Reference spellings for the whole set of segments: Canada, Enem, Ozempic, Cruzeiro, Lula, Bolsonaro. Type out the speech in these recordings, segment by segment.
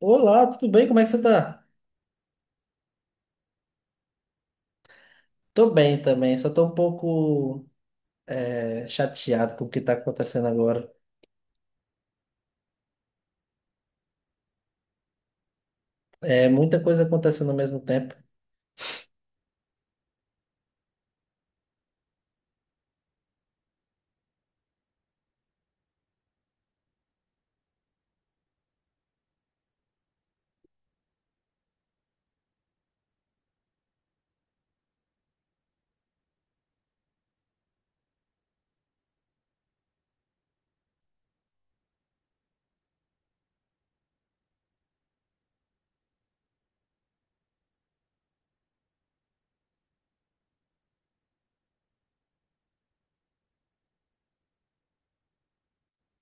Olá, tudo bem? Como é que você tá? Tô bem também, só tô um pouco chateado com o que tá acontecendo agora. É muita coisa acontecendo ao mesmo tempo.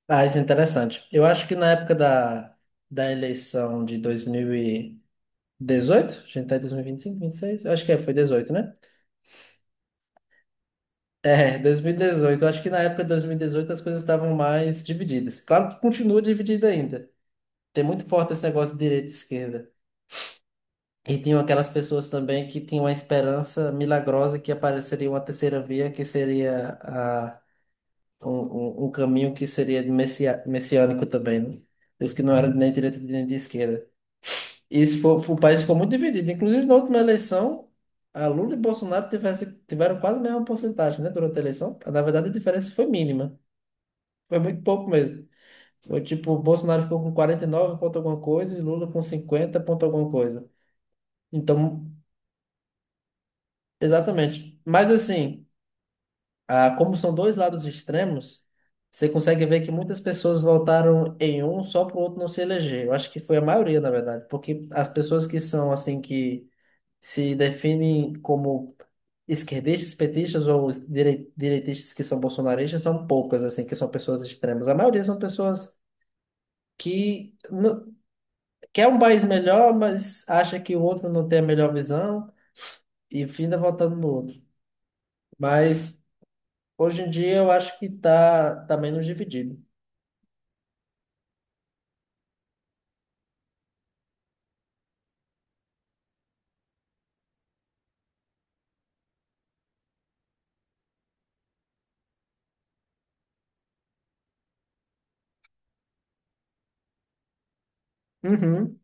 Ah, isso é interessante. Eu acho que na época da eleição de 2018, a gente tá em 2025, 26? Eu acho que é, foi 18, né? É, 2018. Eu acho que na época de 2018 as coisas estavam mais divididas. Claro que continua dividida ainda. Tem muito forte esse negócio de direita e esquerda. E tinham aquelas pessoas também que tinham a esperança milagrosa que apareceria uma terceira via, que seria um caminho que seria de messiânico também, né? Os que não eram nem direita nem de esquerda. E isso o país ficou muito dividido. Inclusive, na última eleição, a Lula e Bolsonaro tiveram quase a mesma porcentagem, né, durante a eleição. Na verdade, a diferença foi mínima. Foi muito pouco mesmo. Foi tipo, o Bolsonaro ficou com 49 ponto alguma coisa e Lula com 50 ponto alguma coisa. Então, exatamente. Mas assim. Ah, como são dois lados extremos, você consegue ver que muitas pessoas votaram em um só para o outro não se eleger. Eu acho que foi a maioria, na verdade, porque as pessoas que são assim que se definem como esquerdistas, petistas ou os direitistas que são bolsonaristas são poucas, assim, que são pessoas extremas. A maioria são pessoas que quer um país melhor, mas acha que o outro não tem a melhor visão e finda votando no outro. Mas hoje em dia eu acho que tá menos dividido. Uhum,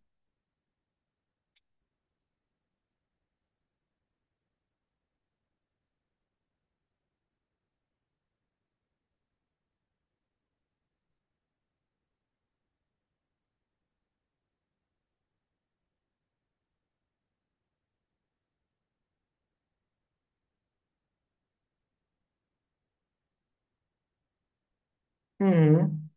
uhum.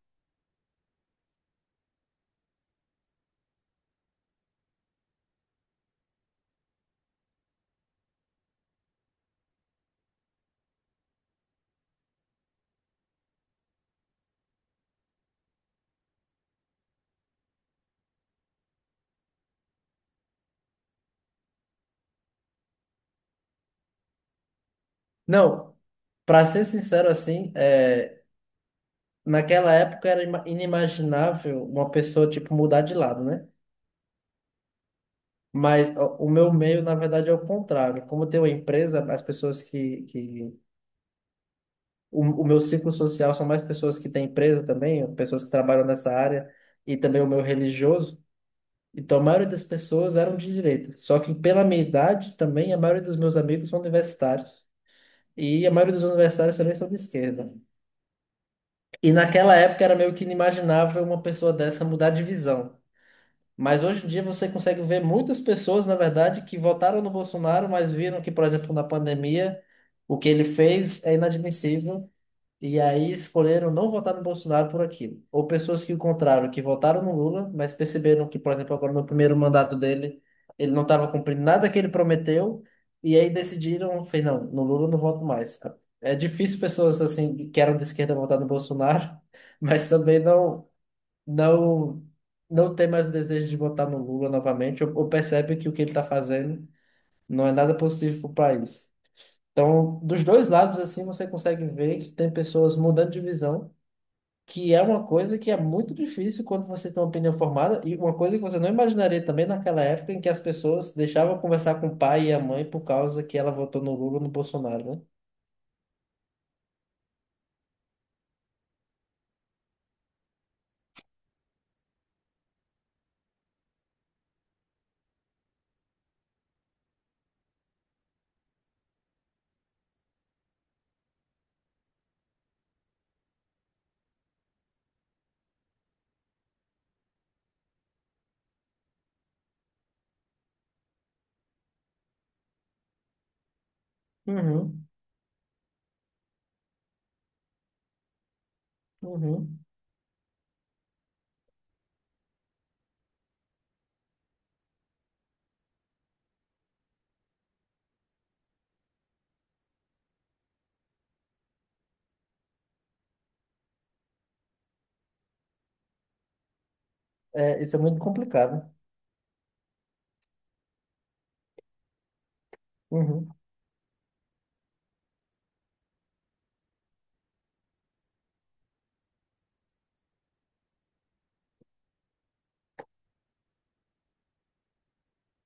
Não, para ser sincero assim, é, naquela época era inimaginável uma pessoa tipo mudar de lado, né? Mas ó, o meu meio, na verdade, é o contrário. Como eu tenho uma empresa, as pessoas que... O meu ciclo social são mais pessoas que têm empresa também, pessoas que trabalham nessa área, e também o meu religioso. Então, a maioria das pessoas eram de direita. Só que pela minha idade também, a maioria dos meus amigos são universitários. E a maioria dos universitários também são de esquerda. E naquela época era meio que inimaginável uma pessoa dessa mudar de visão. Mas hoje em dia você consegue ver muitas pessoas, na verdade, que votaram no Bolsonaro, mas viram que, por exemplo, na pandemia, o que ele fez é inadmissível e aí escolheram não votar no Bolsonaro por aquilo. Ou pessoas que o contrário, que votaram no Lula, mas perceberam que, por exemplo, agora no primeiro mandato dele, ele não estava cumprindo nada que ele prometeu, e aí decidiram, foi, não, no Lula eu não voto mais. É difícil pessoas assim que eram de esquerda votar no Bolsonaro, mas também não não tem mais o desejo de votar no Lula novamente, ou percebe que o que ele está fazendo não é nada positivo para o país. Então, dos dois lados, assim, você consegue ver que tem pessoas mudando de visão, que é uma coisa que é muito difícil quando você tem uma opinião formada, e uma coisa que você não imaginaria também naquela época em que as pessoas deixavam conversar com o pai e a mãe por causa que ela votou no Lula ou no Bolsonaro, né? Uhum, uhum. É, isso é muito complicado. Uhum,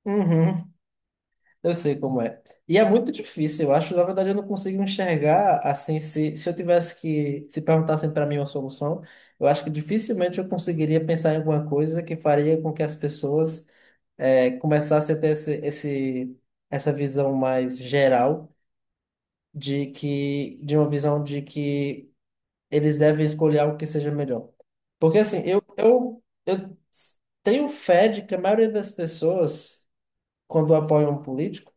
uhum. Eu sei como é. E é muito difícil, eu acho. Na verdade, eu não consigo enxergar assim. Se eu tivesse que. Se perguntassem para mim uma solução, eu acho que dificilmente eu conseguiria pensar em alguma coisa que faria com que as pessoas começassem a ter essa visão mais geral de que. De uma visão de que eles devem escolher algo que seja melhor. Porque assim, eu tenho fé de que a maioria das pessoas, quando apoiam um político,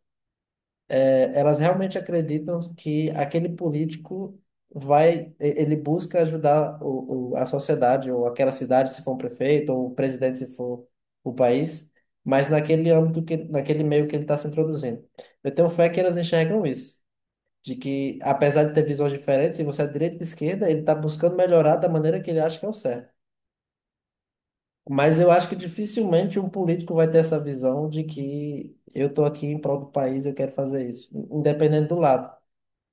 elas realmente acreditam que aquele político ele busca ajudar a sociedade, ou aquela cidade, se for um prefeito, ou o presidente, se for o país, mas naquele âmbito, naquele meio que ele está se introduzindo. Eu tenho fé que elas enxergam isso, de que, apesar de ter visões diferentes, se você é de direita e de esquerda, ele está buscando melhorar da maneira que ele acha que é o certo. Mas eu acho que dificilmente um político vai ter essa visão de que eu estou aqui em prol do país, eu quero fazer isso, independente do lado.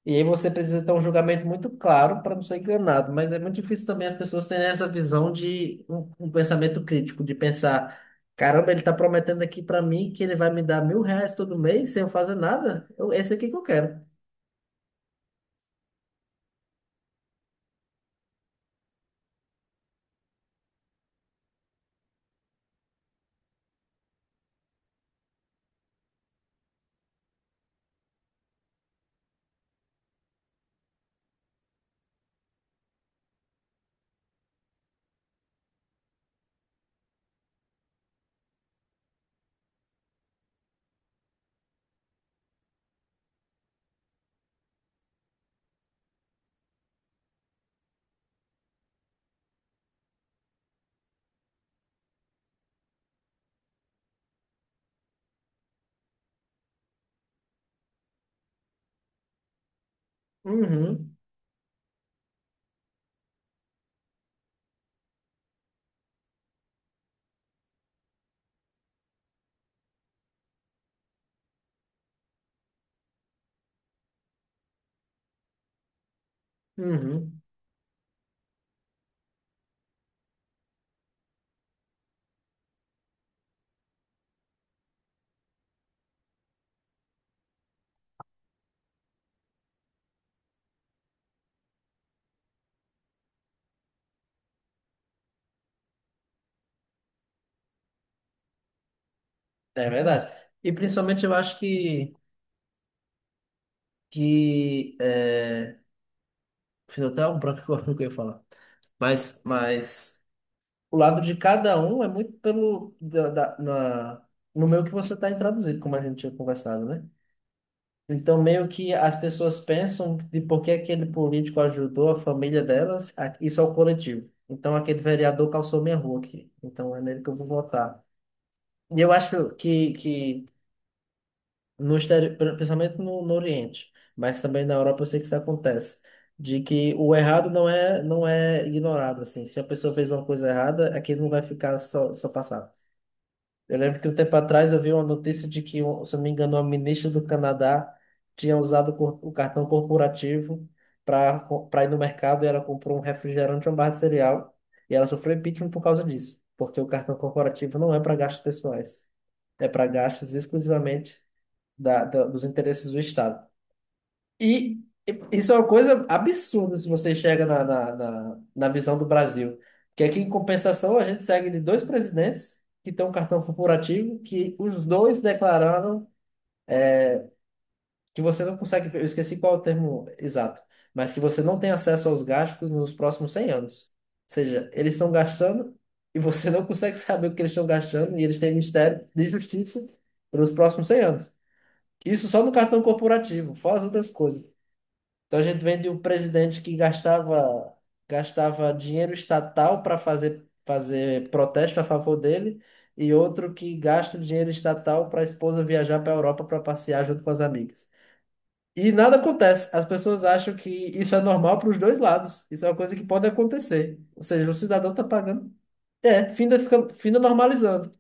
E aí você precisa ter um julgamento muito claro para não ser enganado, mas é muito difícil também as pessoas terem essa visão de um pensamento crítico, de pensar, caramba, ele está prometendo aqui para mim que ele vai me dar 1.000 reais todo mês sem eu fazer nada. Eu, esse é aqui que eu quero. Uhum, uhum. É verdade. E principalmente eu acho que é... Fiz até um branco agora no que eu ia falar. Mas o lado de cada um é muito pelo no meio que você está introduzido, como a gente tinha conversado, né? Então, meio que as pessoas pensam de por que aquele político ajudou a família delas, isso é o coletivo. Então, aquele vereador calçou minha rua aqui. Então, é nele que eu vou votar. E eu acho que no exterior, principalmente no Oriente, mas também na Europa, eu sei que isso acontece, de que o errado não é ignorado, assim. Se a pessoa fez uma coisa errada, aquilo não vai ficar só passado. Eu lembro que um tempo atrás eu vi uma notícia de que, se eu não me engano, uma ministra do Canadá tinha usado o o cartão corporativo para para ir no mercado e ela comprou um refrigerante e uma barra de cereal e ela sofreu impeachment por causa disso, porque o cartão corporativo não é para gastos pessoais, é para gastos exclusivamente dos interesses do Estado. E isso é uma coisa absurda se você chega na visão do Brasil. Que aqui, em compensação, a gente segue de dois presidentes que têm um cartão corporativo que os dois declararam que você não consegue, eu esqueci qual é o termo exato, mas que você não tem acesso aos gastos nos próximos 100 anos. Ou seja, eles estão gastando e você não consegue saber o que eles estão gastando e eles têm Ministério de Justiça pelos próximos 100 anos. Isso só no cartão corporativo, fora as outras coisas. Então a gente vem de um presidente que gastava dinheiro estatal para fazer protesto a favor dele, e outro que gasta dinheiro estatal para a esposa viajar para a Europa para passear junto com as amigas. E nada acontece. As pessoas acham que isso é normal para os dois lados. Isso é uma coisa que pode acontecer. Ou seja, o cidadão está pagando. É, finda normalizando.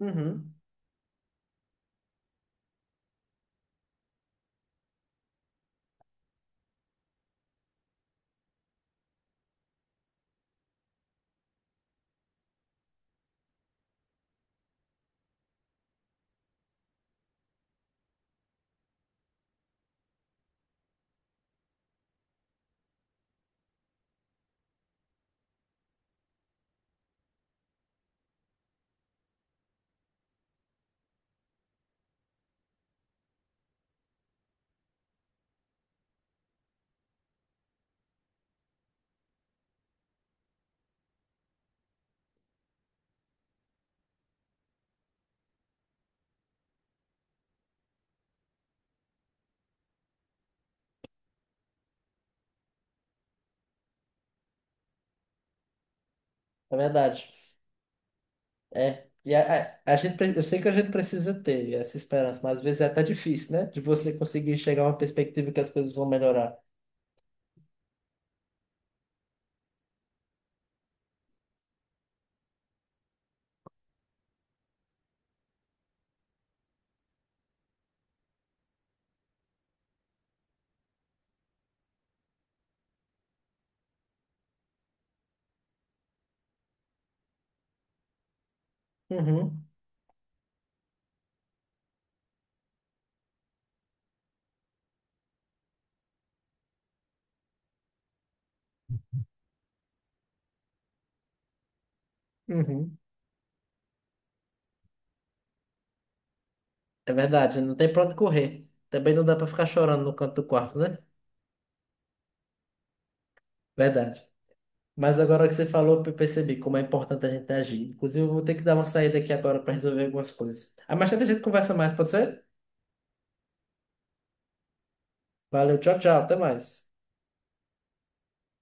Uhum, é verdade. É. E a a gente, eu sei que a gente precisa ter essa esperança, mas às vezes é até difícil, né? De você conseguir chegar a uma perspectiva que as coisas vão melhorar. Uhum, uhum. É verdade, não tem pra onde correr. Também não dá pra ficar chorando no canto do quarto, né? Verdade. Mas agora que você falou, eu percebi como é importante a gente agir. Inclusive, eu vou ter que dar uma saída aqui agora para resolver algumas coisas. Ah, mais tarde a gente conversa mais, pode ser? Valeu, tchau, tchau, até mais.